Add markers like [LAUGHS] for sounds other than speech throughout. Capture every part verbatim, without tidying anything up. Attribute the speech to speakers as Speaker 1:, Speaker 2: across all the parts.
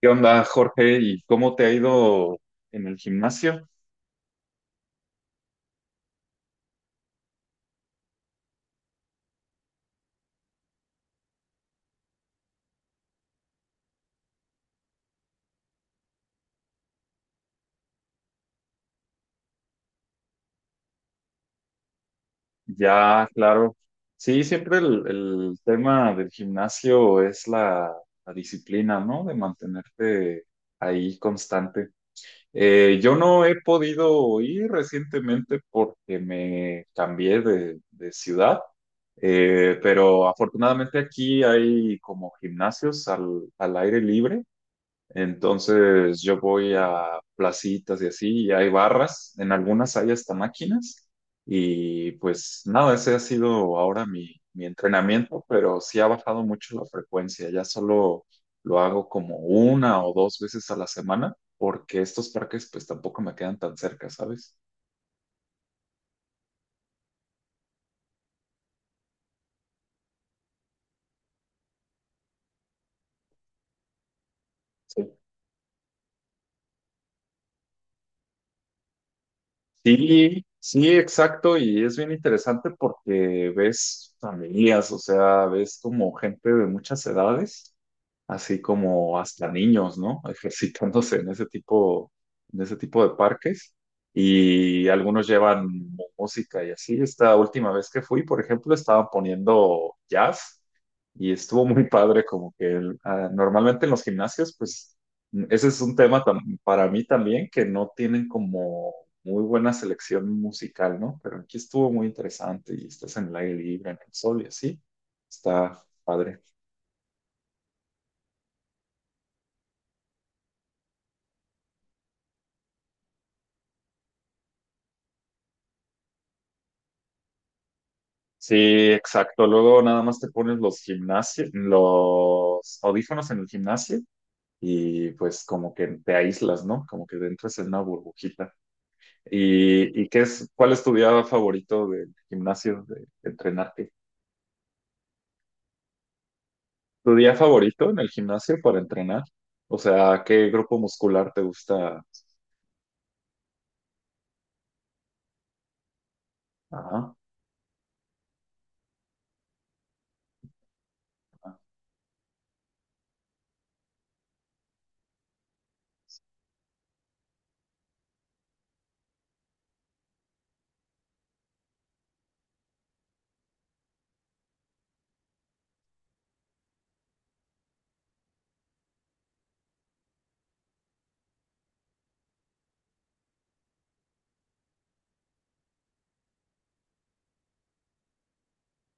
Speaker 1: ¿Qué onda, Jorge? ¿Y cómo te ha ido en el gimnasio? Ya, claro. Sí, siempre el, el tema del gimnasio es la, la disciplina, ¿no? De mantenerte ahí constante. Eh, yo no he podido ir recientemente porque me cambié de, de ciudad, eh, pero afortunadamente aquí hay como gimnasios al, al aire libre. Entonces yo voy a placitas y así, y hay barras, en algunas hay hasta máquinas, y pues nada, ese ha sido ahora mi, mi entrenamiento, pero sí ha bajado mucho la frecuencia, ya solo lo hago como una o dos veces a la semana, porque estos parques pues tampoco me quedan tan cerca, ¿sabes? Sí, sí, exacto, y es bien interesante porque ves familias, o sea, ves como gente de muchas edades, así como hasta niños, ¿no? [LAUGHS] Ejercitándose en ese tipo, en ese tipo de parques, y algunos llevan mu- música y así. Esta última vez que fui, por ejemplo, estaban poniendo jazz y estuvo muy padre, como que el- ah, normalmente en los gimnasios, pues, ese es un tema tam- para mí también, que no tienen como muy buena selección musical, ¿no? Pero aquí estuvo muy interesante y estás en el aire libre, en el sol y así. Está padre. Sí, exacto. Luego nada más te pones los gimnasio, los audífonos en el gimnasio y pues como que te aíslas, ¿no? Como que entras en una burbujita. ¿Y, y qué es, ¿cuál es tu día favorito del gimnasio, de, de entrenarte? ¿Tu día favorito en el gimnasio para entrenar? O sea, ¿qué grupo muscular te gusta? Ajá.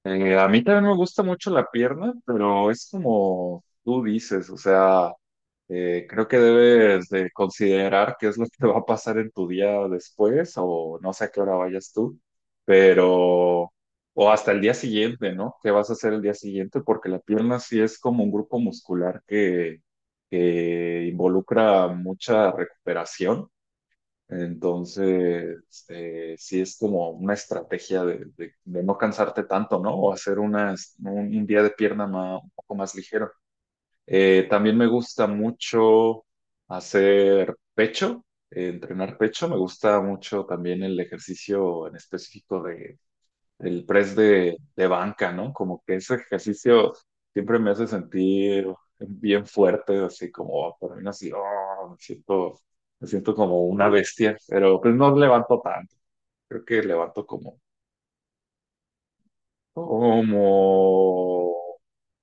Speaker 1: Eh, a mí también me gusta mucho la pierna, pero es como tú dices, o sea, eh, creo que debes de considerar qué es lo que va a pasar en tu día después, o no sé a qué hora vayas tú, pero o hasta el día siguiente, ¿no? ¿Qué vas a hacer el día siguiente? Porque la pierna sí es como un grupo muscular que, que involucra mucha recuperación. Entonces, eh, sí es como una estrategia de, de- de no cansarte tanto, ¿no? O hacer unas, un, un día de pierna ma- un poco más ligero. Eh, también me gusta mucho hacer pecho, eh, entrenar pecho. Me gusta mucho también el ejercicio en específico el press de, de banca, ¿no? Como que ese ejercicio siempre me hace sentir bien fuerte, así como, por mí así, oh, me siento, me siento como una bestia, pero pues no levanto tanto, creo que levanto como, como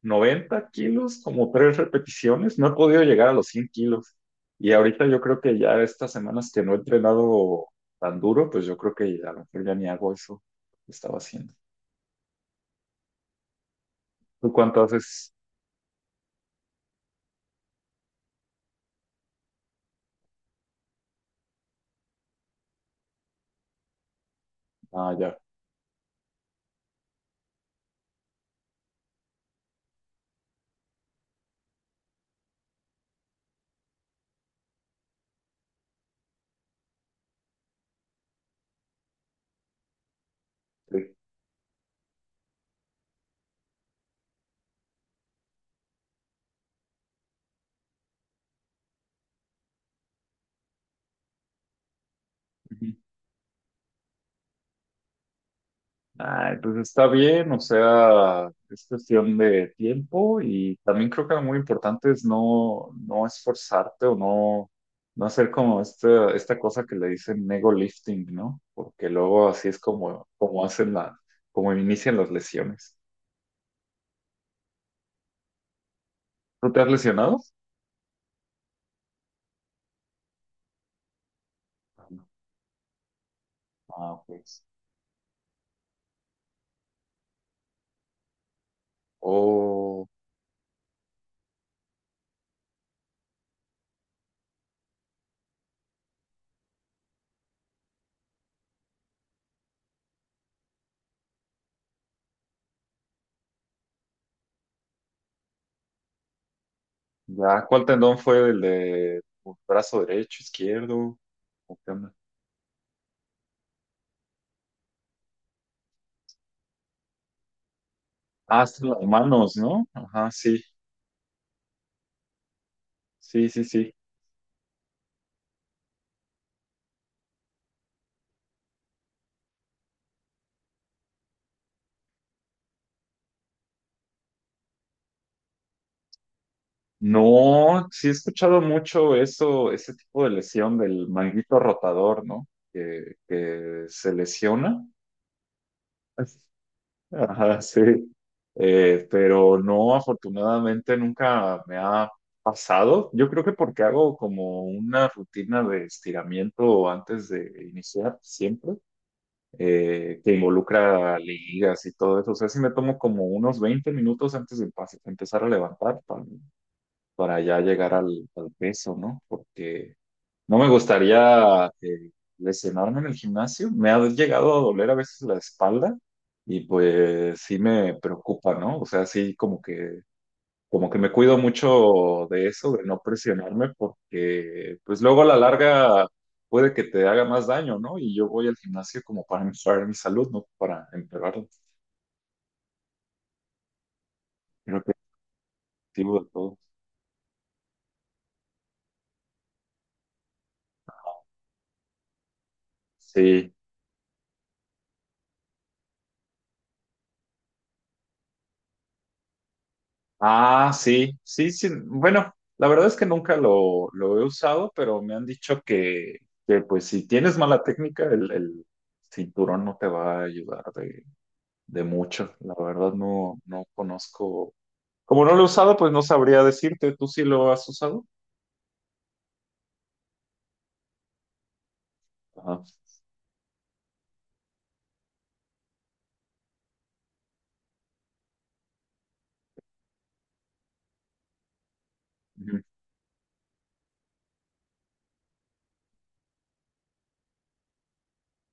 Speaker 1: noventa kilos, como tres repeticiones, no he podido llegar a los cien kilos. Y ahorita yo creo que ya estas semanas que no he entrenado tan duro, pues yo creo que a lo mejor ya ni hago eso que estaba haciendo. ¿Tú cuánto haces? Ah, sí. Ah, entonces está bien, o sea, es cuestión de tiempo y también creo que lo muy importante es no, no esforzarte, o no, no hacer como esta, esta cosa que le dicen ego lifting, ¿no? Porque luego así es como, como hacen la, como inician las lesiones. ¿Tú te has lesionado? Ah, no. Ah, pues. O ya, ¿cuál tendón fue el de tu brazo derecho, izquierdo? ¿O qué onda? Ah, son las manos, ¿no? Ajá, sí. Sí, sí, sí. No, sí he escuchado mucho eso, ese tipo de lesión del manguito rotador, ¿no? Que, que se lesiona. Ajá, sí. Eh, pero no, afortunadamente nunca me ha pasado. Yo creo que porque hago como una rutina de estiramiento antes de iniciar siempre, eh, que involucra ligas y todo eso. O sea, si me tomo como unos veinte minutos antes de empa- empezar a levantar para para ya llegar al, al peso, ¿no? Porque no me gustaría eh, lesionarme en el gimnasio. Me ha llegado a doler a veces la espalda y pues sí me preocupa, ¿no? O sea, sí como que, como que me cuido mucho de eso, de no presionarme, porque pues luego a la larga puede que te haga más daño, ¿no? Y yo voy al gimnasio como para mejorar mi salud, no para empeorarla. Creo que es el objetivo de todo. Sí. Ah, sí, sí, sí. Bueno, la verdad es que nunca lo, lo he usado, pero me han dicho que, que, pues si tienes mala técnica, el, el cinturón no te va a ayudar de, de mucho. La verdad no, no conozco. Como no lo he usado, pues no sabría decirte. ¿Tú sí lo has usado? Ajá.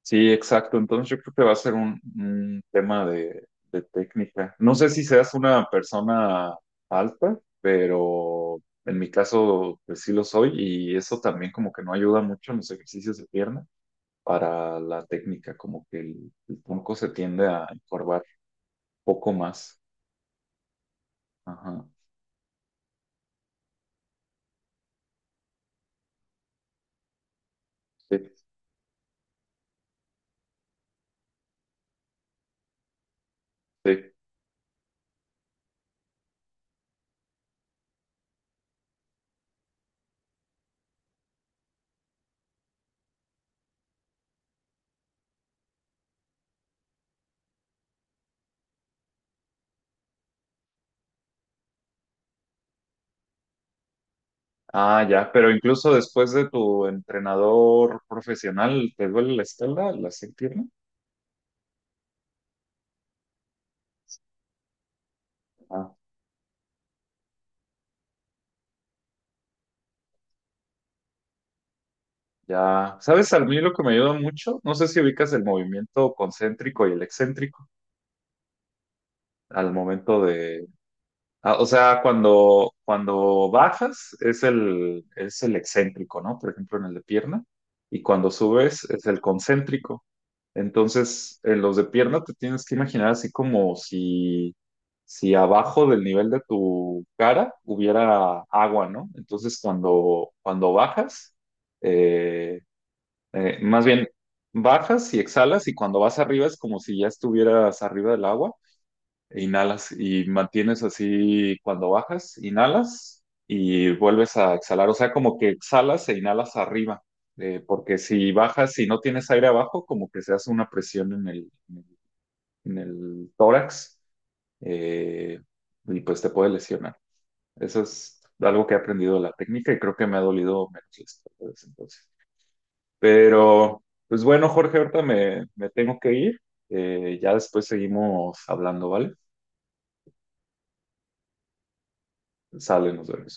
Speaker 1: Sí, exacto. Entonces yo creo que va a ser un, un tema de, de técnica. No sé si seas una persona alta, pero en mi caso pues sí lo soy, y eso también como que no ayuda mucho en los ejercicios de pierna para la técnica, como que el, el tronco se tiende a encorvar un poco más. Ajá. Sí, sí. Ah, ya, pero incluso después de tu entrenador profesional, ¿te duele la espalda, la pierna? Ya, ¿sabes? A mí lo que me ayuda mucho, no sé si ubicas el movimiento concéntrico y el excéntrico al momento de, ah, o sea, cuando, cuando bajas es el, es el excéntrico, ¿no? Por ejemplo, en el de pierna, y cuando subes es el concéntrico. Entonces, en los de pierna te tienes que imaginar así como si, si abajo del nivel de tu cara hubiera agua, ¿no? Entonces, cuando, cuando bajas, eh, Eh, más bien, bajas y exhalas, y cuando vas arriba es como si ya estuvieras arriba del agua, e inhalas y mantienes así cuando bajas, inhalas y vuelves a exhalar, o sea, como que exhalas e inhalas arriba, eh, porque si bajas y no tienes aire abajo, como que se hace una presión en el, en el tórax eh, y pues te puede lesionar. Eso es algo que he aprendido de la técnica y creo que me ha dolido menos las espalda desde entonces. Pero, pues bueno, Jorge, ahorita me, me tengo que ir. Eh, ya después seguimos hablando, ¿vale? Sale, nos vemos.